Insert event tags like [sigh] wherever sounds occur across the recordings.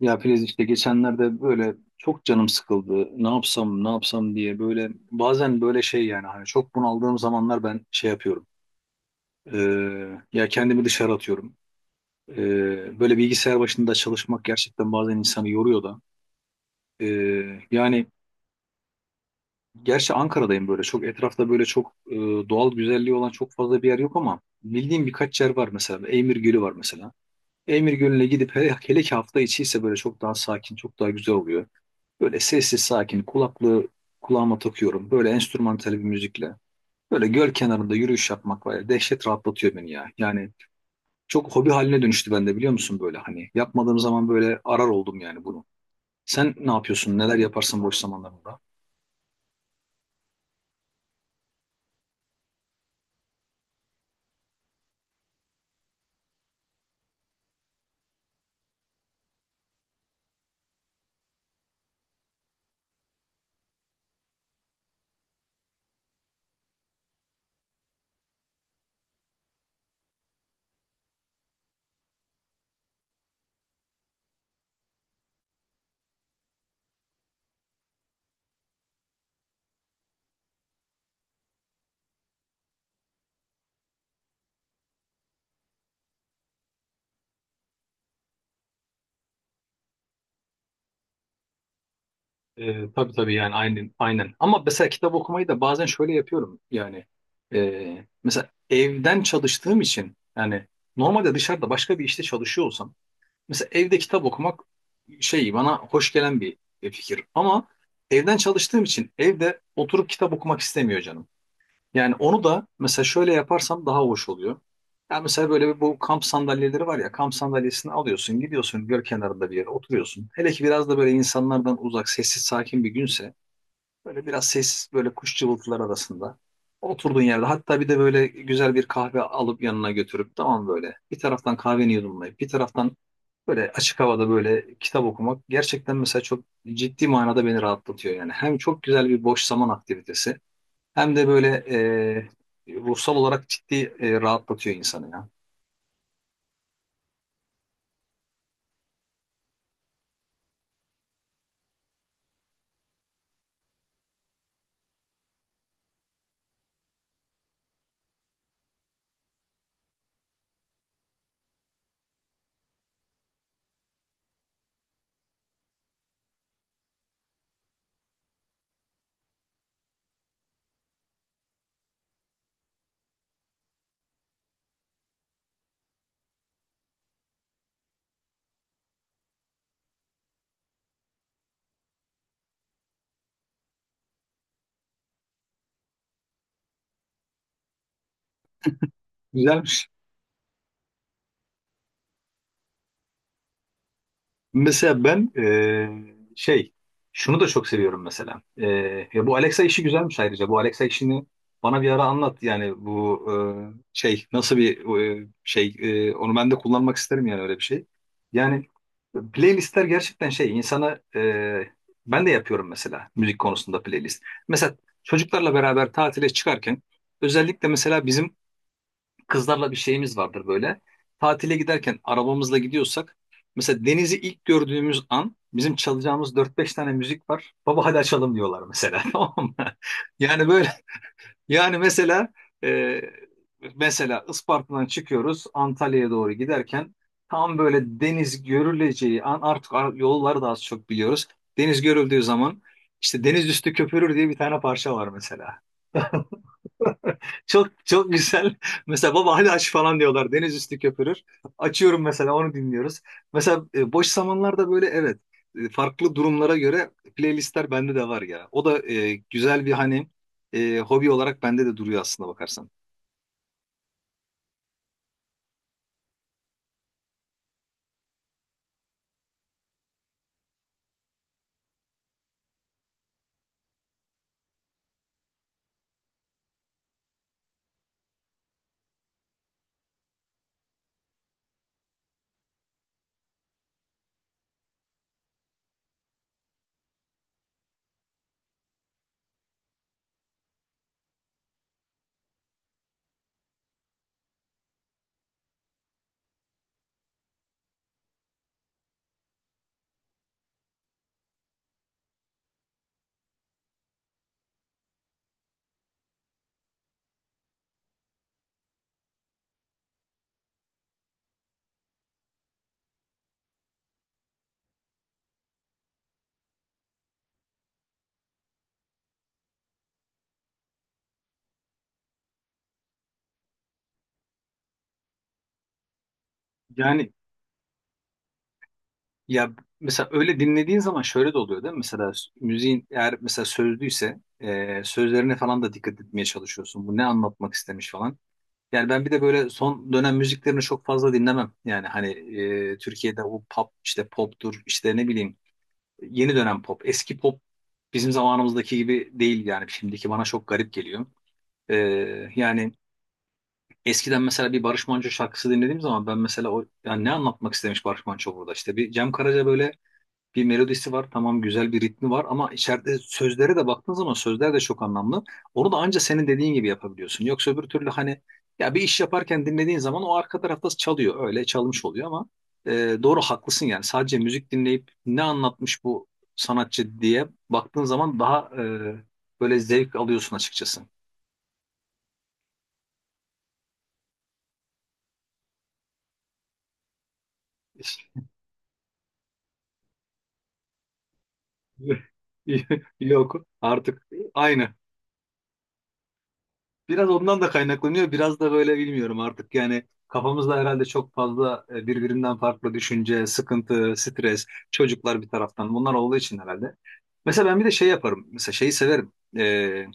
Ya Filiz işte geçenlerde böyle çok canım sıkıldı. Ne yapsam ne yapsam diye böyle bazen böyle şey yani hani çok bunaldığım zamanlar ben şey yapıyorum. Ee, ya kendimi dışarı atıyorum. Böyle bilgisayar başında çalışmak gerçekten bazen insanı yoruyor da. Yani gerçi Ankara'dayım böyle çok etrafta böyle çok doğal güzelliği olan çok fazla bir yer yok ama bildiğim birkaç yer var mesela. Eymir Gölü var mesela. Eymir Gölü'ne gidip [laughs] hele, hele ki hafta içi ise böyle çok daha sakin, çok daha güzel oluyor. Böyle sessiz sakin kulaklığı kulağıma takıyorum. Böyle enstrümantal bir müzikle. Böyle göl kenarında yürüyüş yapmak var ya dehşet rahatlatıyor beni ya. Yani çok hobi haline dönüştü bende biliyor musun böyle hani. Yapmadığım zaman böyle arar oldum yani bunu. Sen ne yapıyorsun? Neler yaparsın boş zamanlarında? Tabii tabii yani aynen aynen. Ama mesela kitap okumayı da bazen şöyle yapıyorum yani. Mesela evden çalıştığım için yani normalde dışarıda başka bir işte çalışıyor olsam mesela evde kitap okumak şey bana hoş gelen bir fikir ama evden çalıştığım için evde oturup kitap okumak istemiyor canım. Yani onu da mesela şöyle yaparsam daha hoş oluyor. Yani mesela böyle bir bu kamp sandalyeleri var ya, kamp sandalyesini alıyorsun, gidiyorsun göl kenarında bir yere oturuyorsun. Hele ki biraz da böyle insanlardan uzak sessiz sakin bir günse böyle biraz sessiz böyle kuş cıvıltılar arasında. Oturduğun yerde hatta bir de böyle güzel bir kahve alıp yanına götürüp tamam, böyle bir taraftan kahveni yudumlayıp bir taraftan böyle açık havada böyle kitap okumak gerçekten mesela çok ciddi manada beni rahatlatıyor yani. Hem çok güzel bir boş zaman aktivitesi hem de böyle ruhsal olarak ciddi rahatlatıyor insanı ya. Güzelmiş. Mesela ben şey şunu da çok seviyorum mesela. Ya bu Alexa işi güzelmiş ayrıca. Bu Alexa işini bana bir ara anlat. Yani bu şey nasıl bir şey onu ben de kullanmak isterim yani, öyle bir şey. Yani playlistler gerçekten şey insana ben de yapıyorum mesela müzik konusunda playlist. Mesela çocuklarla beraber tatile çıkarken özellikle mesela bizim kızlarla bir şeyimiz vardır böyle. Tatile giderken arabamızla gidiyorsak mesela denizi ilk gördüğümüz an bizim çalacağımız dört beş tane müzik var. Baba hadi açalım diyorlar mesela [laughs] tamam mı? Yani böyle, yani mesela e, mesela Isparta'dan çıkıyoruz Antalya'ya doğru giderken tam böyle deniz görüleceği an artık yolları da az çok biliyoruz. Deniz görüldüğü zaman işte deniz üstü köpürür diye bir tane parça var mesela. Çok çok güzel. [laughs] Mesela baba hadi aç falan diyorlar. Deniz üstü köpürür. Açıyorum mesela, onu dinliyoruz. Mesela boş zamanlarda böyle, evet, farklı durumlara göre playlistler bende de var ya. O da güzel bir hani hobi olarak bende de duruyor aslında bakarsan. Yani ya, mesela öyle dinlediğin zaman şöyle de oluyor değil mi? Mesela müziğin eğer mesela sözlüyse sözlerine falan da dikkat etmeye çalışıyorsun. Bu ne anlatmak istemiş falan. Yani ben bir de böyle son dönem müziklerini çok fazla dinlemem. Yani hani, Türkiye'de o pop, işte poptur, işte ne bileyim, yeni dönem pop. Eski pop bizim zamanımızdaki gibi değil, yani şimdiki bana çok garip geliyor. E, yani eskiden mesela bir Barış Manço şarkısı dinlediğim zaman ben mesela o, yani ne anlatmak istemiş Barış Manço burada, işte bir Cem Karaca, böyle bir melodisi var, tamam, güzel bir ritmi var ama içeride sözlere de baktığın zaman sözler de çok anlamlı. Onu da anca senin dediğin gibi yapabiliyorsun. Yoksa öbür türlü hani, ya bir iş yaparken dinlediğin zaman o arka tarafta çalıyor. Öyle çalmış oluyor ama doğru, haklısın yani. Sadece müzik dinleyip ne anlatmış bu sanatçı diye baktığın zaman daha böyle zevk alıyorsun açıkçası. [laughs] Yok artık, aynı. Biraz ondan da kaynaklanıyor. Biraz da böyle bilmiyorum artık, yani kafamızda herhalde çok fazla birbirinden farklı düşünce, sıkıntı, stres, çocuklar, bir taraftan bunlar olduğu için herhalde. Mesela ben bir de şey yaparım. Mesela şeyi severim. Ee,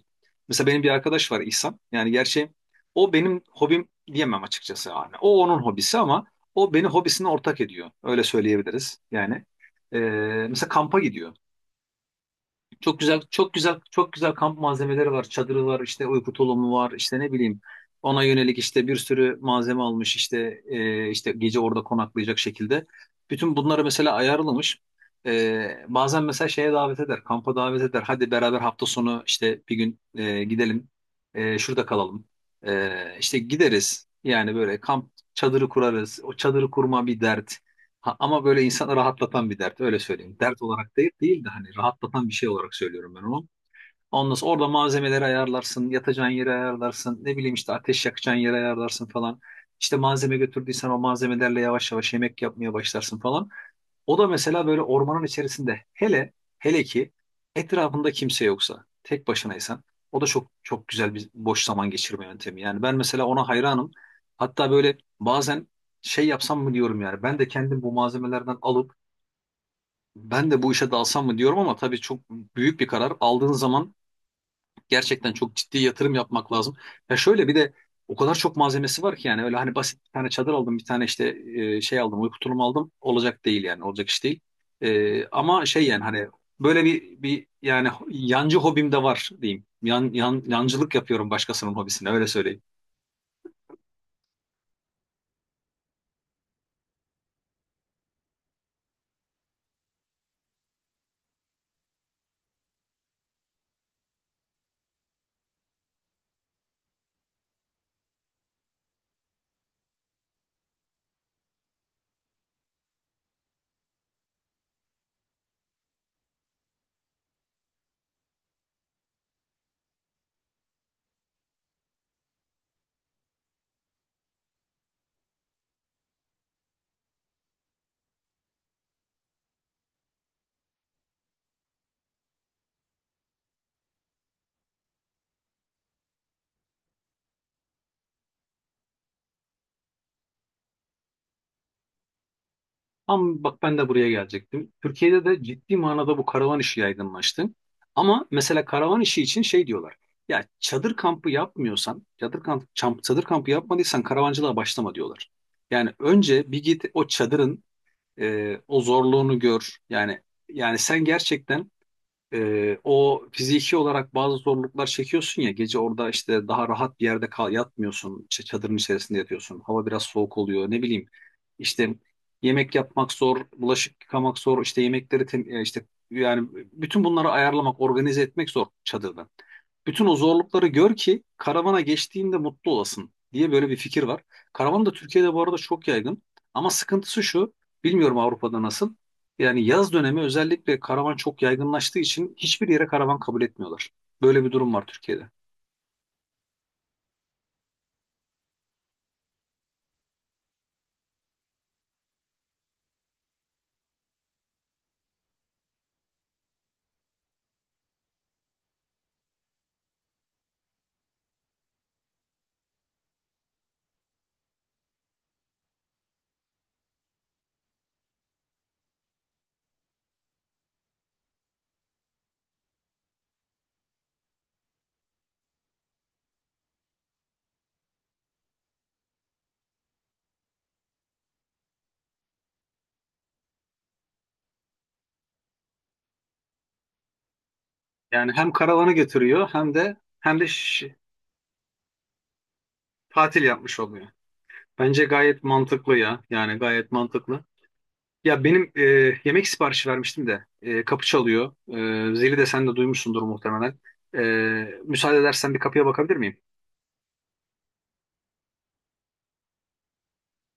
mesela benim bir arkadaş var, İhsan. Yani gerçi o benim hobim diyemem açıkçası. Yani o onun hobisi ama o beni hobisine ortak ediyor. Öyle söyleyebiliriz yani. Ee, mesela kampa gidiyor. Çok güzel, çok güzel, çok güzel kamp malzemeleri var. Çadırı var, işte uyku tulumu var, işte ne bileyim. Ona yönelik işte bir sürü malzeme almış, işte işte gece orada konaklayacak şekilde. Bütün bunları mesela ayarlamış. Bazen mesela şeye davet eder, kampa davet eder. Hadi beraber hafta sonu işte bir gün gidelim, şurada kalalım. E, işte gideriz. Yani böyle kamp çadırı kurarız. O çadırı kurma bir dert. Ha, ama böyle insanı rahatlatan bir dert, öyle söyleyeyim. Dert olarak değil, değil de hani rahatlatan bir şey olarak söylüyorum ben onu. Ondan sonra orada malzemeleri ayarlarsın, yatacağın yeri ayarlarsın, ne bileyim işte ateş yakacağın yeri ayarlarsın falan. İşte malzeme götürdüysen o malzemelerle yavaş yavaş yemek yapmaya başlarsın falan. O da mesela böyle ormanın içerisinde, hele hele ki etrafında kimse yoksa, tek başınaysan, o da çok çok güzel bir boş zaman geçirme yöntemi. Yani ben mesela ona hayranım. Hatta böyle bazen şey yapsam mı diyorum, yani ben de kendim bu malzemelerden alıp ben de bu işe dalsam mı diyorum, ama tabii çok büyük bir karar. Aldığın zaman gerçekten çok ciddi yatırım yapmak lazım. Ya şöyle bir de o kadar çok malzemesi var ki, yani öyle hani basit bir tane çadır aldım, bir tane işte şey aldım, uyku tulumu aldım. Olacak değil yani, olacak iş değil. Ama şey, yani hani böyle bir yani yancı hobim de var diyeyim. Yancılık yapıyorum başkasının hobisine, öyle söyleyeyim. Ama bak, ben de buraya gelecektim. Türkiye'de de ciddi manada bu karavan işi yaygınlaştı. Ama mesela karavan işi için şey diyorlar. Ya çadır kampı yapmıyorsan, çadır kampı yapmadıysan karavancılığa başlama diyorlar. Yani önce bir git, o çadırın o zorluğunu gör. Yani sen gerçekten o fiziki olarak bazı zorluklar çekiyorsun ya, gece orada işte daha rahat bir yerde kal yatmıyorsun, işte çadırın içerisinde yatıyorsun, hava biraz soğuk oluyor, ne bileyim işte yemek yapmak zor, bulaşık yıkamak zor, işte yemekleri işte yani bütün bunları ayarlamak, organize etmek zor çadırda. Bütün o zorlukları gör ki karavana geçtiğinde mutlu olasın diye böyle bir fikir var. Karavan da Türkiye'de bu arada çok yaygın ama sıkıntısı şu, bilmiyorum Avrupa'da nasıl, yani yaz dönemi özellikle karavan çok yaygınlaştığı için hiçbir yere karavan kabul etmiyorlar. Böyle bir durum var Türkiye'de. Yani hem karavanı getiriyor, hem de tatil yapmış oluyor. Bence gayet mantıklı ya. Yani gayet mantıklı. Ya benim yemek siparişi vermiştim de, kapı çalıyor. Zili de sen de duymuşsundur muhtemelen. E, müsaade edersen bir kapıya bakabilir miyim?